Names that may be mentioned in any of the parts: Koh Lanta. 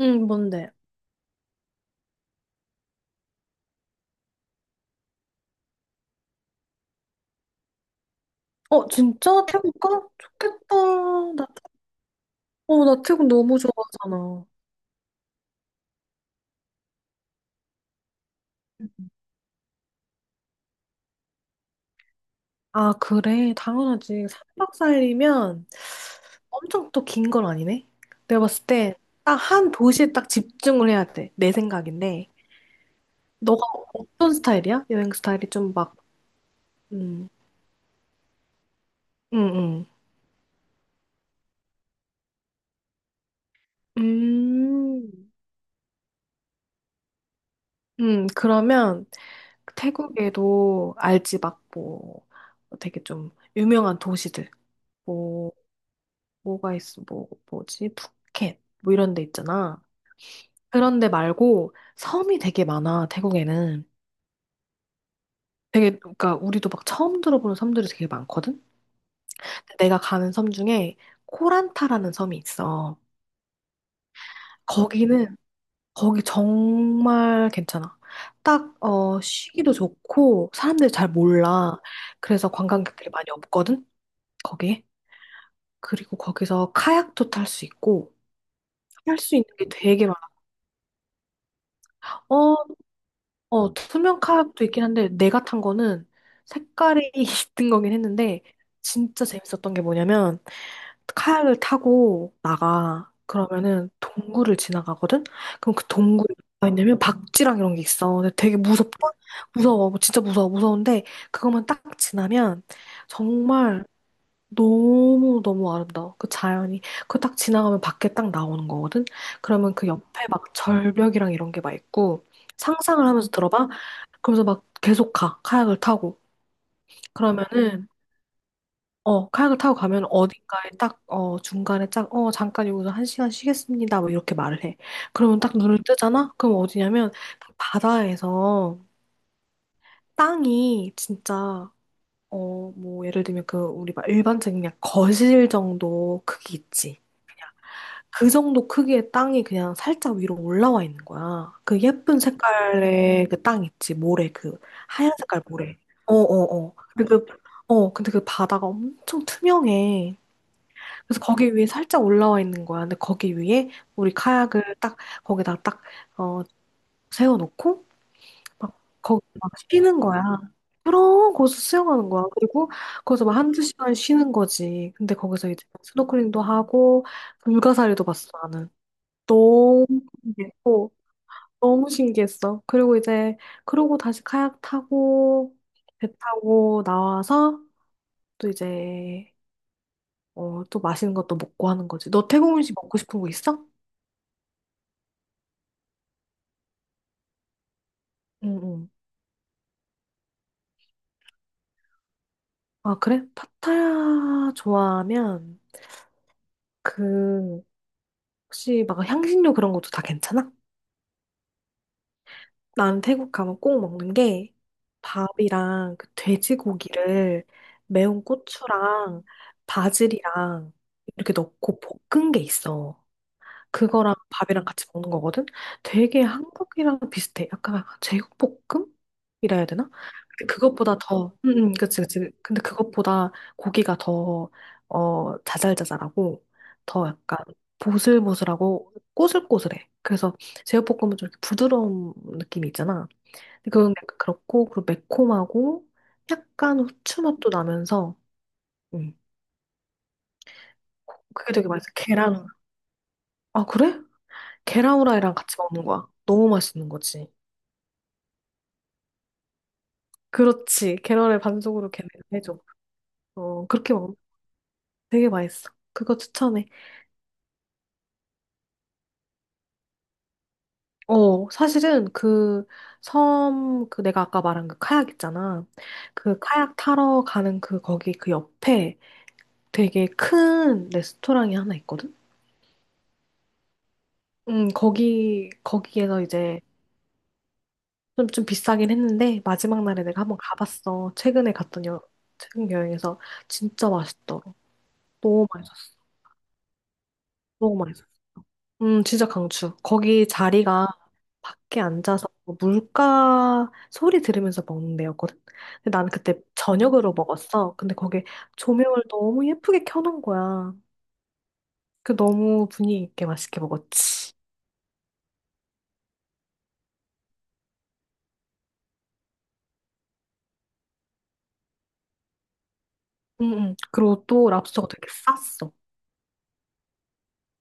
응, 뭔데? 어, 진짜? 태국 가? 좋겠다. 나, 나 태국 너무 좋아하잖아. 음. 아, 그래. 당연하지. 삼박사일이면 엄청 또 긴 건 아니네? 내가 봤을 때 딱 한 도시에 딱 집중을 해야 돼. 내 생각인데. 너가 어떤 스타일이야? 여행 스타일이 좀 막, 음, 응 응 음, 그러면 태국에도 알지, 막 뭐, 되게 좀 유명한 도시들. 뭐, 뭐가 있어, 뭐, 뭐지? 푸켓, 뭐 이런 데 있잖아. 그런 데 말고 섬이 되게 많아, 태국에는. 되게, 그러니까 우리도 막 처음 들어보는 섬들이 되게 많거든? 내가 가는 섬 중에 코란타라는 섬이 있어. 거기는, 거기 정말 괜찮아. 딱, 쉬기도 좋고, 사람들이 잘 몰라. 그래서 관광객들이 많이 없거든? 거기에. 그리고 거기서 카약도 탈 수 있고, 할 수 있는 게 되게 많아. 어, 투명 컵도 있긴 한데 내가 탄 거는 색깔이 있던 거긴 했는데 진짜 재밌었던 게 뭐냐면 카약을 타고 나가 그러면은 동굴을 지나가거든? 그럼 그 동굴이 뭐가 있냐면 박쥐랑 이런 게 있어. 근데 되게 무섭다? 무서워. 진짜 무서워. 무서운데 그것만 딱 지나면 정말 너무 너무 아름다워. 그 자연이 그 딱 지나가면 밖에 딱 나오는 거거든. 그러면 그 옆에 막 절벽이랑 이런 게 막 있고 상상을 하면서 들어봐. 그러면서 막 계속 가 카약을 타고 그러면은 카약을 타고 가면 어딘가에 딱 중간에 딱 잠깐 여기서 한 시간 쉬겠습니다. 뭐 이렇게 말을 해. 그러면 딱 눈을 뜨잖아. 그럼 어디냐면 그 바다에서 땅이 진짜 뭐 예를 들면 그 우리 막 일반적인 그냥 거실 정도 크기 있지. 그 정도 크기의 땅이 그냥 살짝 위로 올라와 있는 거야. 그 예쁜 색깔의 그 땅 있지, 모래, 그 하얀 색깔 모래. 네. 어, 어, 어. 근데 그 바다가 엄청 투명해. 그래서 거기 위에 살짝 올라와 있는 거야. 근데 거기 위에 우리 카약을 딱, 거기다 딱, 어, 세워놓고, 막, 거기 막 쉬는 거야. 그럼, 거기서 수영하는 거야. 그리고 거기서 막 한두 시간 쉬는 거지. 근데 거기서 이제 스노클링도 하고, 불가사리도 봤어, 너무 신기했고, 너무 신기했어. 그리고 이제, 그러고 다시 카약 타고, 배 타고 나와서, 또 이제, 또 맛있는 것도 먹고 하는 거지. 너 태국 음식 먹고 싶은 거 있어? 응, 응. 아, 그래? 파타야 좋아하면, 그, 혹시 막 향신료 그런 것도 다 괜찮아? 나는 태국 가면 꼭 먹는 게 밥이랑 그 돼지고기를 매운 고추랑 바질이랑 이렇게 넣고 볶은 게 있어. 그거랑 밥이랑 같이 먹는 거거든? 되게 한국이랑 비슷해. 약간 제육볶음? 이라 해야 되나? 근데 그것보다 더, 응, 응, 그치, 그치. 근데 그것보다 고기가 더, 자잘자잘하고, 더 약간 보슬보슬하고 꼬슬꼬슬해. 그래서 제육볶음은 좀 이렇게 부드러운 느낌이 있잖아. 그건 약간 그렇고 그리고 매콤하고 약간 후추 맛도 나면서 음 그게 되게 맛있어. 계란. 아, 그래? 계란 후라이랑 같이 먹는 거야. 너무 맛있는 거지. 그렇지. 계란을 반숙으로 걔네가 해줘. 어, 그렇게 먹으면 되게 맛있어. 그거 추천해. 어, 사실은 그 섬, 그 내가 아까 말한 그 카약 있잖아. 그 카약 타러 가는 그 거기 그 옆에 되게 큰 레스토랑이 하나 있거든? 거기에서 이제 좀 비싸긴 했는데 마지막 날에 내가 한번 가봤어. 최근에 갔던 최근 여행에서 진짜 맛있더라. 너무 맛있었어. 너무 맛있었어. 진짜 강추. 거기 자리가 밖에 앉아서 물가 소리 들으면서 먹는 데였거든. 근데 나는 그때 저녁으로 먹었어. 근데 거기 조명을 너무 예쁘게 켜놓은 거야. 그 너무 분위기 있게 맛있게 먹었지. 응, 응. 그리고 또 랍스터가 되게 쌌어.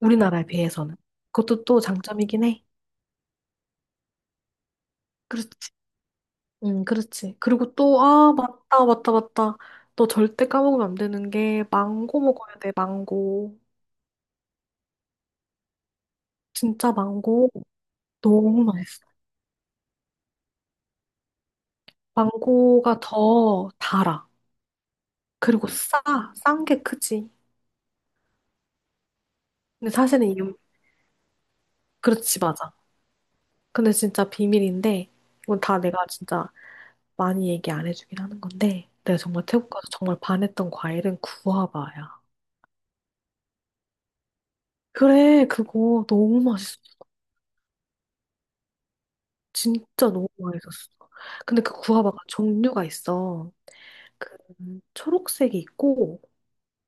우리나라에 비해서는. 그것도 또 장점이긴 해. 그렇지. 응 그렇지. 그리고 또, 아, 맞다, 맞다, 맞다. 너 절대 까먹으면 안 되는 게, 망고 먹어야 돼, 망고. 진짜 망고. 너무 맛있어. 망고가 더 달아. 그리고 싸. 싼 게 크지. 근데 사실은 이건, 그렇지, 맞아. 근데 진짜 비밀인데, 이건 다 내가 진짜 많이 얘기 안 해주긴 하는 건데, 내가 정말 태국 가서 정말 반했던 과일은 구아바야. 그래, 그거 너무 맛있어. 진짜 너무 맛있었어. 근데 그 구아바가 종류가 있어. 그 초록색이 있고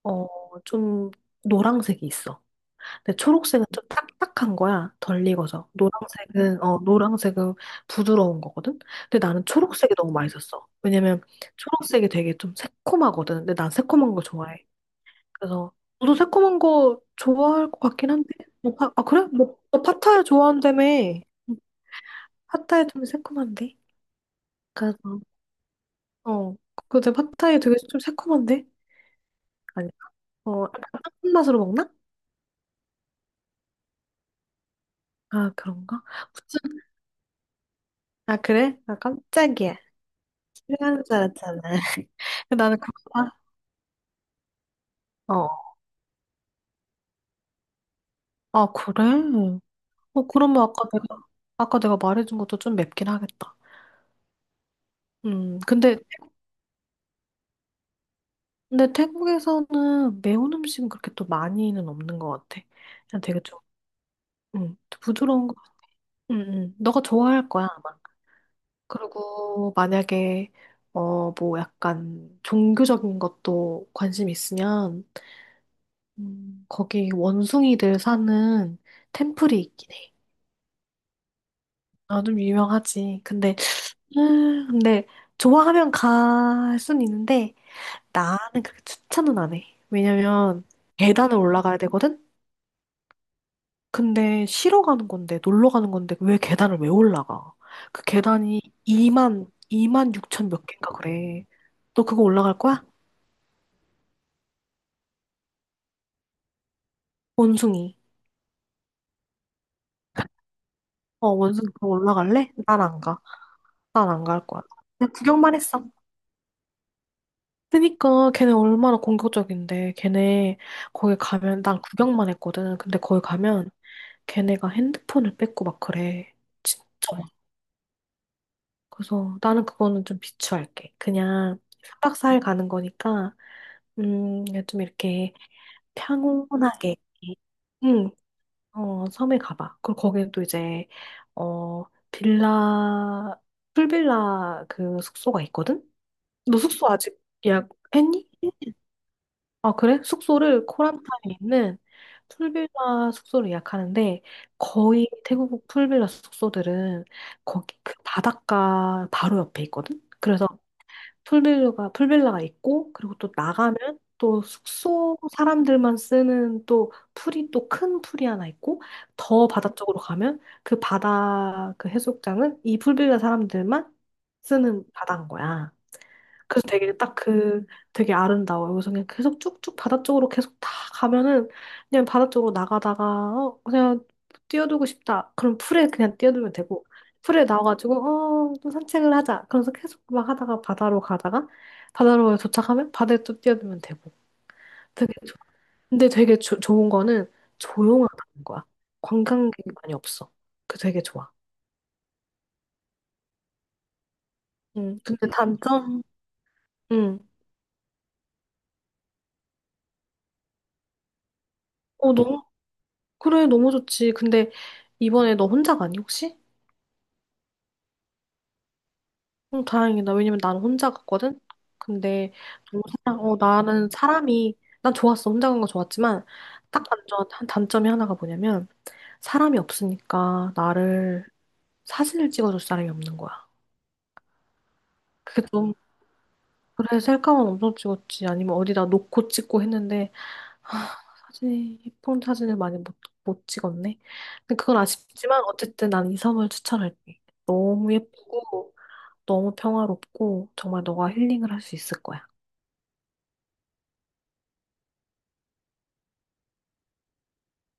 어 좀 노랑색이 있어. 근데 초록색은 좀 딱딱한 거야. 덜 익어서. 노랑색은 부드러운 거거든. 근데 나는 초록색이 너무 맛있었어. 왜냐면 초록색이 되게 좀 새콤하거든. 근데 난 새콤한 거 좋아해. 그래서 너도 새콤한 거 좋아할 것 같긴 한데. 아 그래? 너 파타야 좋아한다며. 응, 파타야 좀 새콤한데. 그래서 어, 근데 팟타이 되게 좀 새콤한데? 아니, 약간 한 맛으로 먹나? 아, 그런가? 무슨, 아, 그래? 아, 깜짝이야. 싫어하는 줄 알았잖아. 근데 나는 그거가 어, 아, 그래? 그러면 아까 내가 말해준 것도 좀 맵긴 하겠다. 근데, 태국에서는 매운 음식은 그렇게 또 많이는 없는 것 같아. 그냥 되게 부드러운 거. 너가 좋아할 거야, 아마. 그리고 만약에 뭐 약간 종교적인 것도 관심 있으면 거기 원숭이들 사는 템플이 있긴 해. 아, 좀 유명하지. 근데 좋아하면 갈 순 있는데 나는 그렇게 추천은 안 해. 왜냐면 계단을 올라가야 되거든. 근데 쉬러 가는 건데 놀러 가는 건데 왜 계단을 왜 올라가? 그 계단이 2만 6천 몇 개인가 그래. 너 그거 올라갈 거야? 원숭이. 어, 원숭이 그 올라갈래? 난 안 가. 난 안 갈 거야. 그냥 구경만 했어. 그니까 걔네 얼마나 공격적인데. 걔네 거기 가면 난 구경만 했거든. 근데 거기 가면 걔네가 핸드폰을 뺏고 막 그래. 진짜 그래서 나는 그거는 좀 비추할게. 그냥 삼박사일 가는 거니까 좀 이렇게 평온하게, 응, 섬에 가봐. 그리고 거기에 또 이제, 어, 빌라, 풀빌라 그 숙소가 있거든? 너 숙소 아직 예약했니? 아, 그래? 숙소를 코란타에 있는 풀빌라 숙소를 예약하는데 거의 태국 풀빌라 숙소들은 거기 그 바닷가 바로 옆에 있거든? 그래서 풀빌라가 있고 그리고 또 나가면 또 숙소 사람들만 쓰는 또 풀이 또 큰 풀이 하나 있고 더 바다 쪽으로 가면 그 바다 그 해수욕장은 이 풀빌라 사람들만 쓰는 바다인 거야. 그래서 되게 딱 되게 아름다워요. 그래서 그냥 계속 쭉쭉 바다 쪽으로 계속 다 가면은 그냥 바다 쪽으로 나가다가 그냥 뛰어들고 싶다. 그럼 풀에 그냥 뛰어들면 되고 풀에 나와가지고 좀 산책을 하자. 그래서 계속 막 하다가 바다로 가다가 바다로 도착하면 바다에 또 뛰어들면 되고 되게 좋- 근데 되게 좋은 거는 조용하다는 거야. 관광객이 많이 없어. 그 되게 좋아. 근데 단점, 음, 너무 그래, 너무 좋지. 근데 이번에 너 혼자 가니, 혹시? 응, 다행이다. 왜냐면 나는 혼자 갔거든? 근데, 난 좋았어. 혼자 간 거 좋았지만, 한 단점이 하나가 뭐냐면, 사람이 없으니까 나를 사진을 찍어줄 사람이 없는 거야. 그게 좀, 그래, 셀카만 엄청 찍었지. 아니면 어디다 놓고 찍고 했는데, 아, 예쁜 사진을 많이 못 찍었네. 근데 그건 아쉽지만, 어쨌든 난 이 섬을 추천할게. 너무 예쁘고, 너무 평화롭고 정말 너가 힐링을 할 수 있을 거야.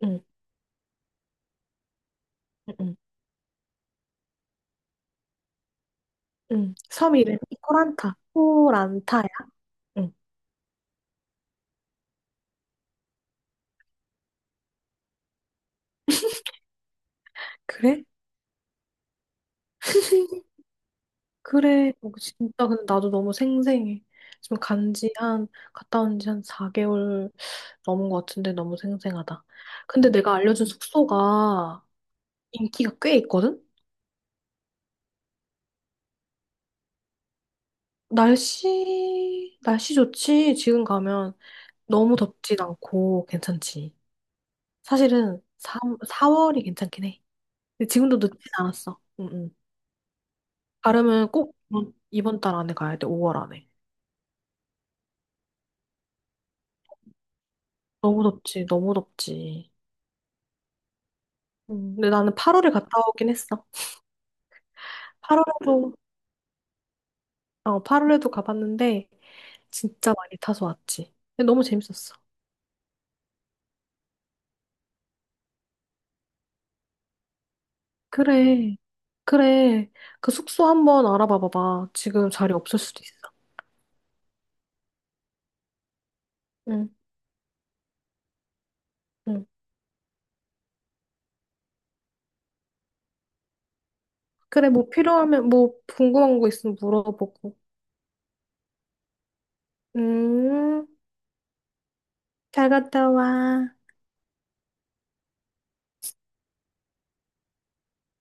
응, 응, 응. 응. 섬 그래. 이름이 코란타. 코란타야? 응. 그래? 그래. 진짜 근데 나도 너무 생생해. 지금 간지 한 갔다 온지 한 4개월 넘은 것 같은데 너무 생생하다. 근데 내가 알려준 숙소가 인기가 꽤 있거든? 날씨 좋지? 지금 가면 너무 덥진 않고 괜찮지. 사실은 3, 4월이 괜찮긴 해. 근데 지금도 늦진 않았어. 응, 응. 가려면 꼭 이번 달 안에 가야 돼, 5월 안에. 너무 덥지, 너무 덥지. 근데 나는 8월에 갔다 오긴 했어. 8월에도, 어, 8월에도 가봤는데, 진짜 많이 타서 왔지. 근데 너무 재밌었어. 그래, 그래. 그 숙소 한번 알아봐 봐봐. 지금 자리 없을 수도 있어. 응, 응. 그래, 뭐 필요하면, 뭐 궁금한 거 있으면 물어보고. 음, 잘 갔다 와.